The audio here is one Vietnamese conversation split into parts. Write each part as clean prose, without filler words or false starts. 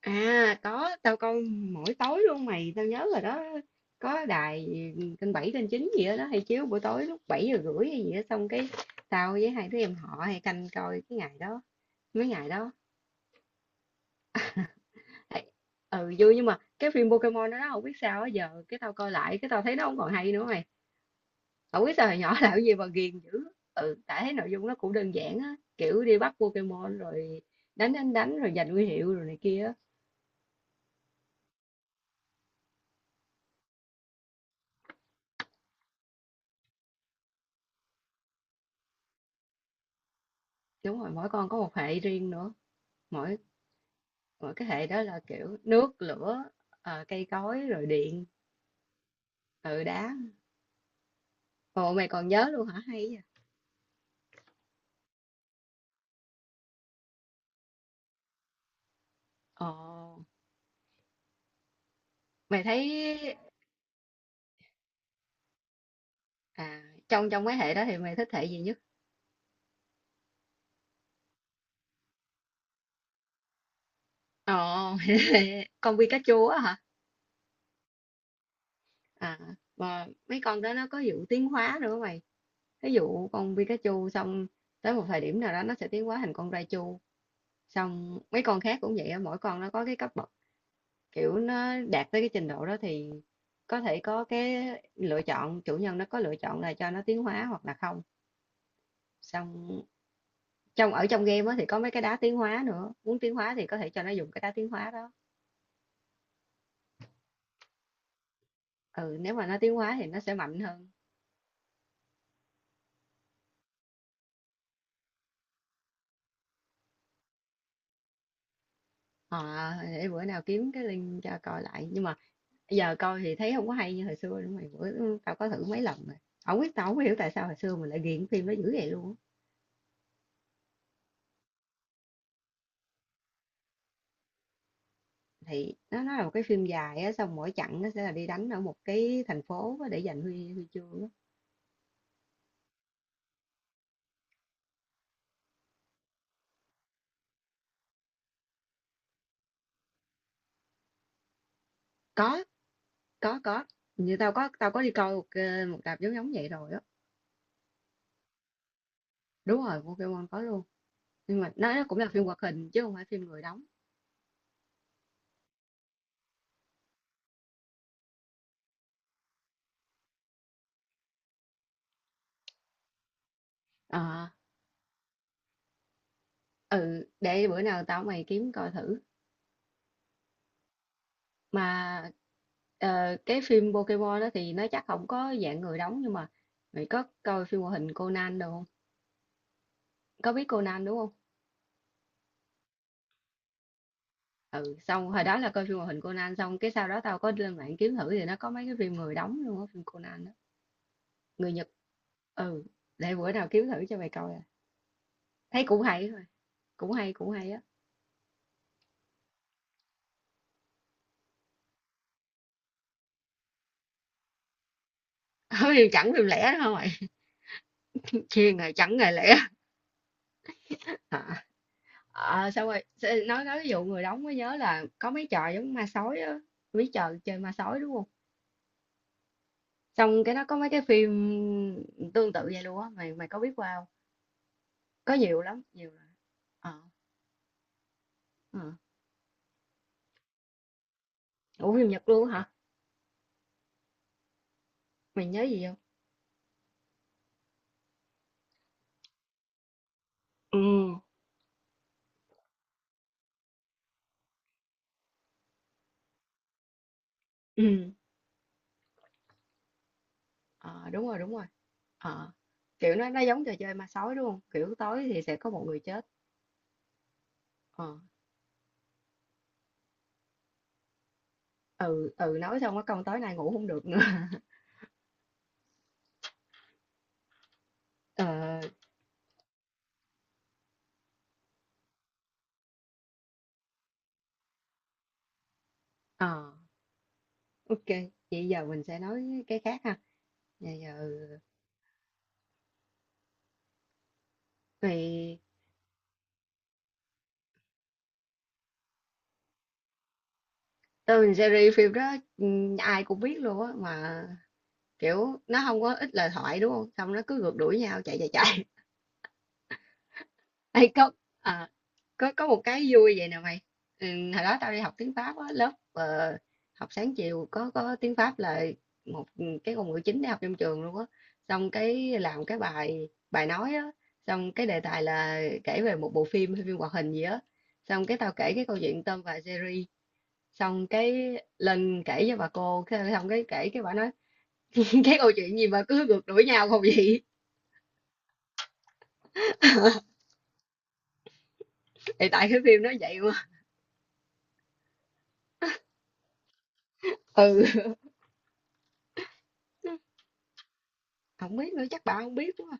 À có, tao coi mỗi tối luôn mày, tao nhớ rồi đó. Có đài kênh 7 kênh 9 gì đó hay chiếu buổi tối lúc 7h30 hay gì đó xong cái tao với hai đứa em họ hay canh coi cái ngày đó, mấy ngày đó. Ê, ừ vui nhưng mà cái phim Pokemon đó không biết sao á, giờ cái tao coi lại cái tao thấy nó không còn hay nữa mày. Không biết sao hồi nhỏ làm cái gì mà ghiền dữ. Ừ tại thấy nội dung nó cũng đơn giản á, kiểu đi bắt Pokemon rồi đánh đánh đánh rồi giành huy hiệu rồi này kia á. Đúng rồi, mỗi con có một hệ riêng nữa. mỗi Ủa, cái hệ đó là kiểu nước lửa, cây cối rồi điện từ đá. Ồ mày còn nhớ luôn hả, hay vậy. Ồ mày thấy à, trong trong mấy hệ đó thì mày thích hệ gì nhất? Ồ mày thích hệ con Pikachu á hả? À mà mấy con đó nó có vụ tiến hóa nữa mày, ví dụ con Pikachu xong tới một thời điểm nào đó nó sẽ tiến hóa thành con Raichu. Xong mấy con khác cũng vậy á, mỗi con nó có cái cấp bậc, kiểu nó đạt tới cái trình độ đó thì có thể có cái lựa chọn, chủ nhân nó có lựa chọn là cho nó tiến hóa hoặc là không. Xong trong ở trong game á thì có mấy cái đá tiến hóa nữa, muốn tiến hóa thì có thể cho nó dùng cái đá tiến hóa đó. Ừ nếu mà nó tiến hóa thì nó sẽ mạnh hơn. Ờ để bữa nào kiếm cái link cho coi lại, nhưng mà giờ coi thì thấy không có hay như hồi xưa nữa mày. Bữa tao có thử mấy lần rồi, không biết, tao không có hiểu tại sao hồi xưa mình lại ghiền phim nó dữ vậy luôn á. Thì nó là một cái phim dài á, xong mỗi chặng nó sẽ là đi đánh ở một cái thành phố á, để giành huy huy chương á. Có, có, có. Như tao có đi coi một tập giống giống vậy rồi á. Đúng rồi, Pokemon có luôn. Nhưng mà nó cũng là phim hoạt hình chứ không phải phim người đóng. Ờ, ừ, để bữa nào tao mày kiếm coi thử. Mà cái phim Pokemon đó thì nó chắc không có dạng người đóng, nhưng mà mày có coi phim hoạt hình Conan đâu không? Có biết Conan đúng không? Ừ, xong hồi đó là coi phim hoạt hình Conan xong cái sau đó tao có lên mạng kiếm thử thì nó có mấy cái phim người đóng luôn á, phim Conan đó, người Nhật. Ừ, để bữa nào kiếm thử cho mày coi à. Thấy cũng hay thôi, cũng hay á. phim chẳng phim lẻ đâu mày. chuyên rồi chẳng ngày lẻ. Hả? Ờ, xong rồi nói ví dụ người đóng mới nhớ là có mấy trò giống ma sói á, mấy trò chơi ma sói đúng không? Xong cái nó có mấy cái phim tương tự vậy luôn á, mày mày có biết qua không? Có nhiều lắm, nhiều lắm. Ờ, ờ. Ủa phim Nhật luôn á hả? Mày nhớ gì không? Ừ, ừ. Ờ, đúng rồi, đúng rồi. Ờ, kiểu nó giống trò chơi ma sói đúng không? Kiểu tối thì sẽ có một người chết. Ờ, ừ, ừ nói xong cái câu tối nay ngủ không được nữa. Ờ, ờ, ok. Vậy giờ mình sẽ nói cái khác ha. Vậy giờ thì tôi mình series phim đó, ừ, ai cũng biết luôn á mà kiểu nó không có ít lời thoại đúng không? Xong nó cứ rượt đuổi nhau chạy chạy chạy. Hay cốc. Có một cái vui vậy nè mày, ừ, hồi đó tao đi học tiếng Pháp á lớp, học sáng chiều có tiếng Pháp là một, cái ngôn ngữ chính để học trong trường luôn á, xong cái làm cái bài bài nói á, xong cái đề tài là kể về một bộ phim hay phim hoạt hình gì á, xong cái tao kể cái câu chuyện Tom và Jerry, xong cái lên kể cho bà cô xong cái kể cái bà nói cái câu chuyện gì mà cứ ngược đuổi nhau không vậy. Thì tại cái phim nó vậy mà. Ừ không biết nữa, chắc bà không biết quá.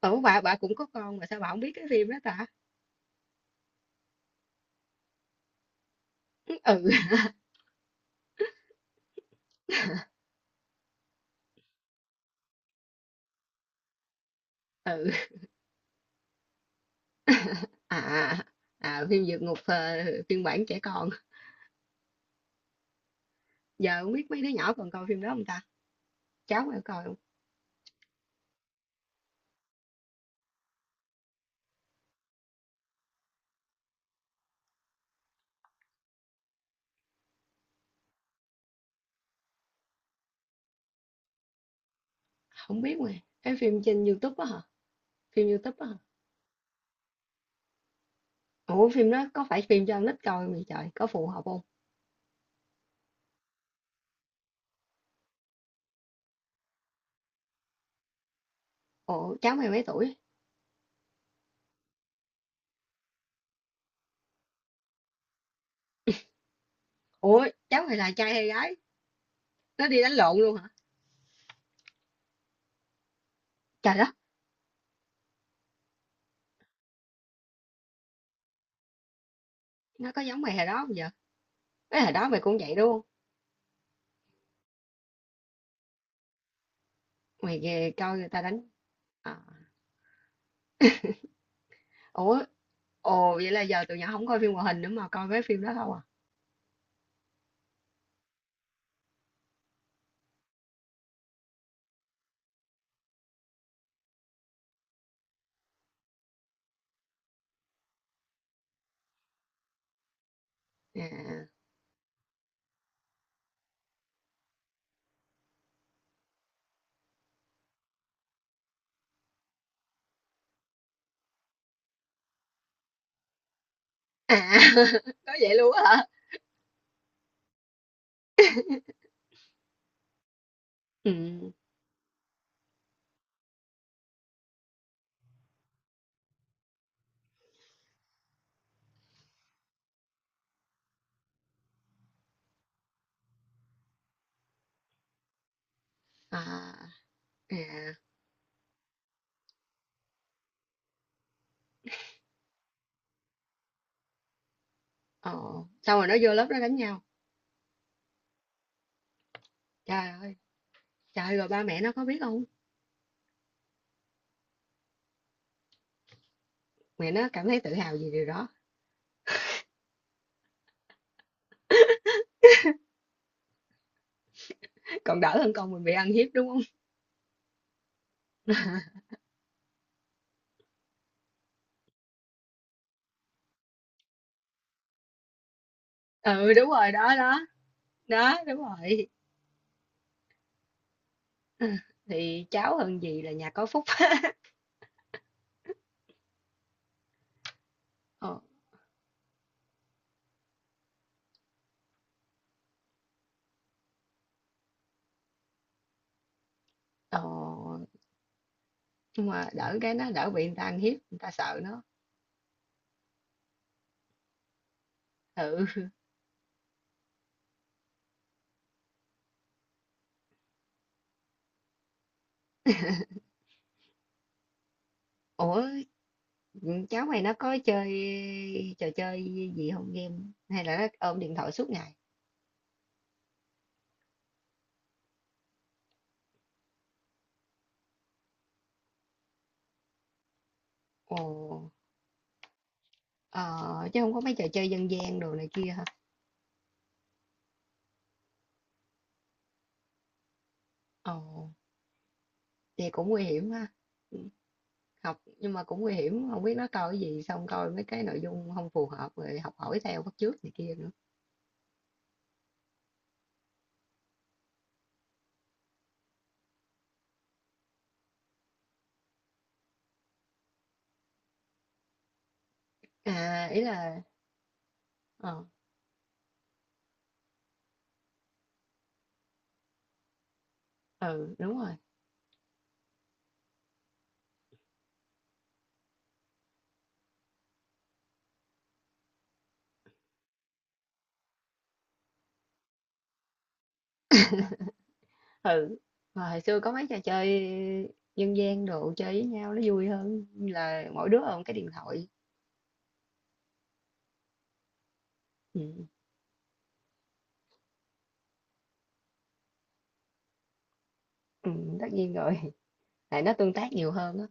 Ủa bà cũng có con mà sao bà không biết cái phim đó ta? Ừ, ừ. À, à phim Vượt Ngục, phiên bản trẻ con. Giờ không biết mấy đứa nhỏ còn coi phim đó không ta? Cháu mà coi không? Không biết mà. Cái phim trên YouTube á hả? Phim YouTube á hả? Ủa phim đó có phải phim cho con nít coi không vậy trời? Có phù hợp không? Ủa cháu mày mấy tuổi? Ủa cháu mày là trai hay gái? Nó đi đánh lộn luôn hả? Trời đất, nó có giống mày hồi đó không giờ? Cái hồi đó mày cũng vậy đúng không? Mày ghê, coi người ta đánh. À. Ủa. Ồ vậy là giờ tụi nhỏ không coi phim hoạt hình nữa mà coi mấy phim đó không à? À. À, có vậy luôn á hả? Ừm. À, à, ồ, xong rồi nó vô lớp nó đánh nhau. Trời ơi, trời ơi, rồi ba mẹ nó có biết không? Mẹ nó cảm thấy tự hào vì điều đó, còn đỡ hơn con mình bị ăn hiếp, đúng không? Ừ, đúng rồi, đó, đó, đó, đúng rồi. Ờ, thì cháu hơn gì là nhà có phúc. Ờ, ờ, nhưng mà đỡ cái nó đỡ bị người ta ăn hiếp, người ta sợ nó. Ừ. Ủa. Ừ, cháu mày nó có chơi trò chơi gì không, game hay là nó ôm điện thoại suốt ngày? Ồ, ờ, chứ không có mấy trò chơi dân gian đồ này kia hả? Ồ vậy cũng nguy hiểm ha. Ừ, học nhưng mà cũng nguy hiểm, không biết nó coi cái gì xong coi mấy cái nội dung không phù hợp rồi học hỏi theo bắt chước này kia nữa. À ý là ờ, ừ đúng rồi. Ừ mà hồi xưa có mấy trò chơi dân gian đồ chơi với nhau nó vui hơn là mỗi đứa ôm cái điện thoại. Ừ, ừ tất nhiên rồi, tại nó tương tác nhiều hơn á.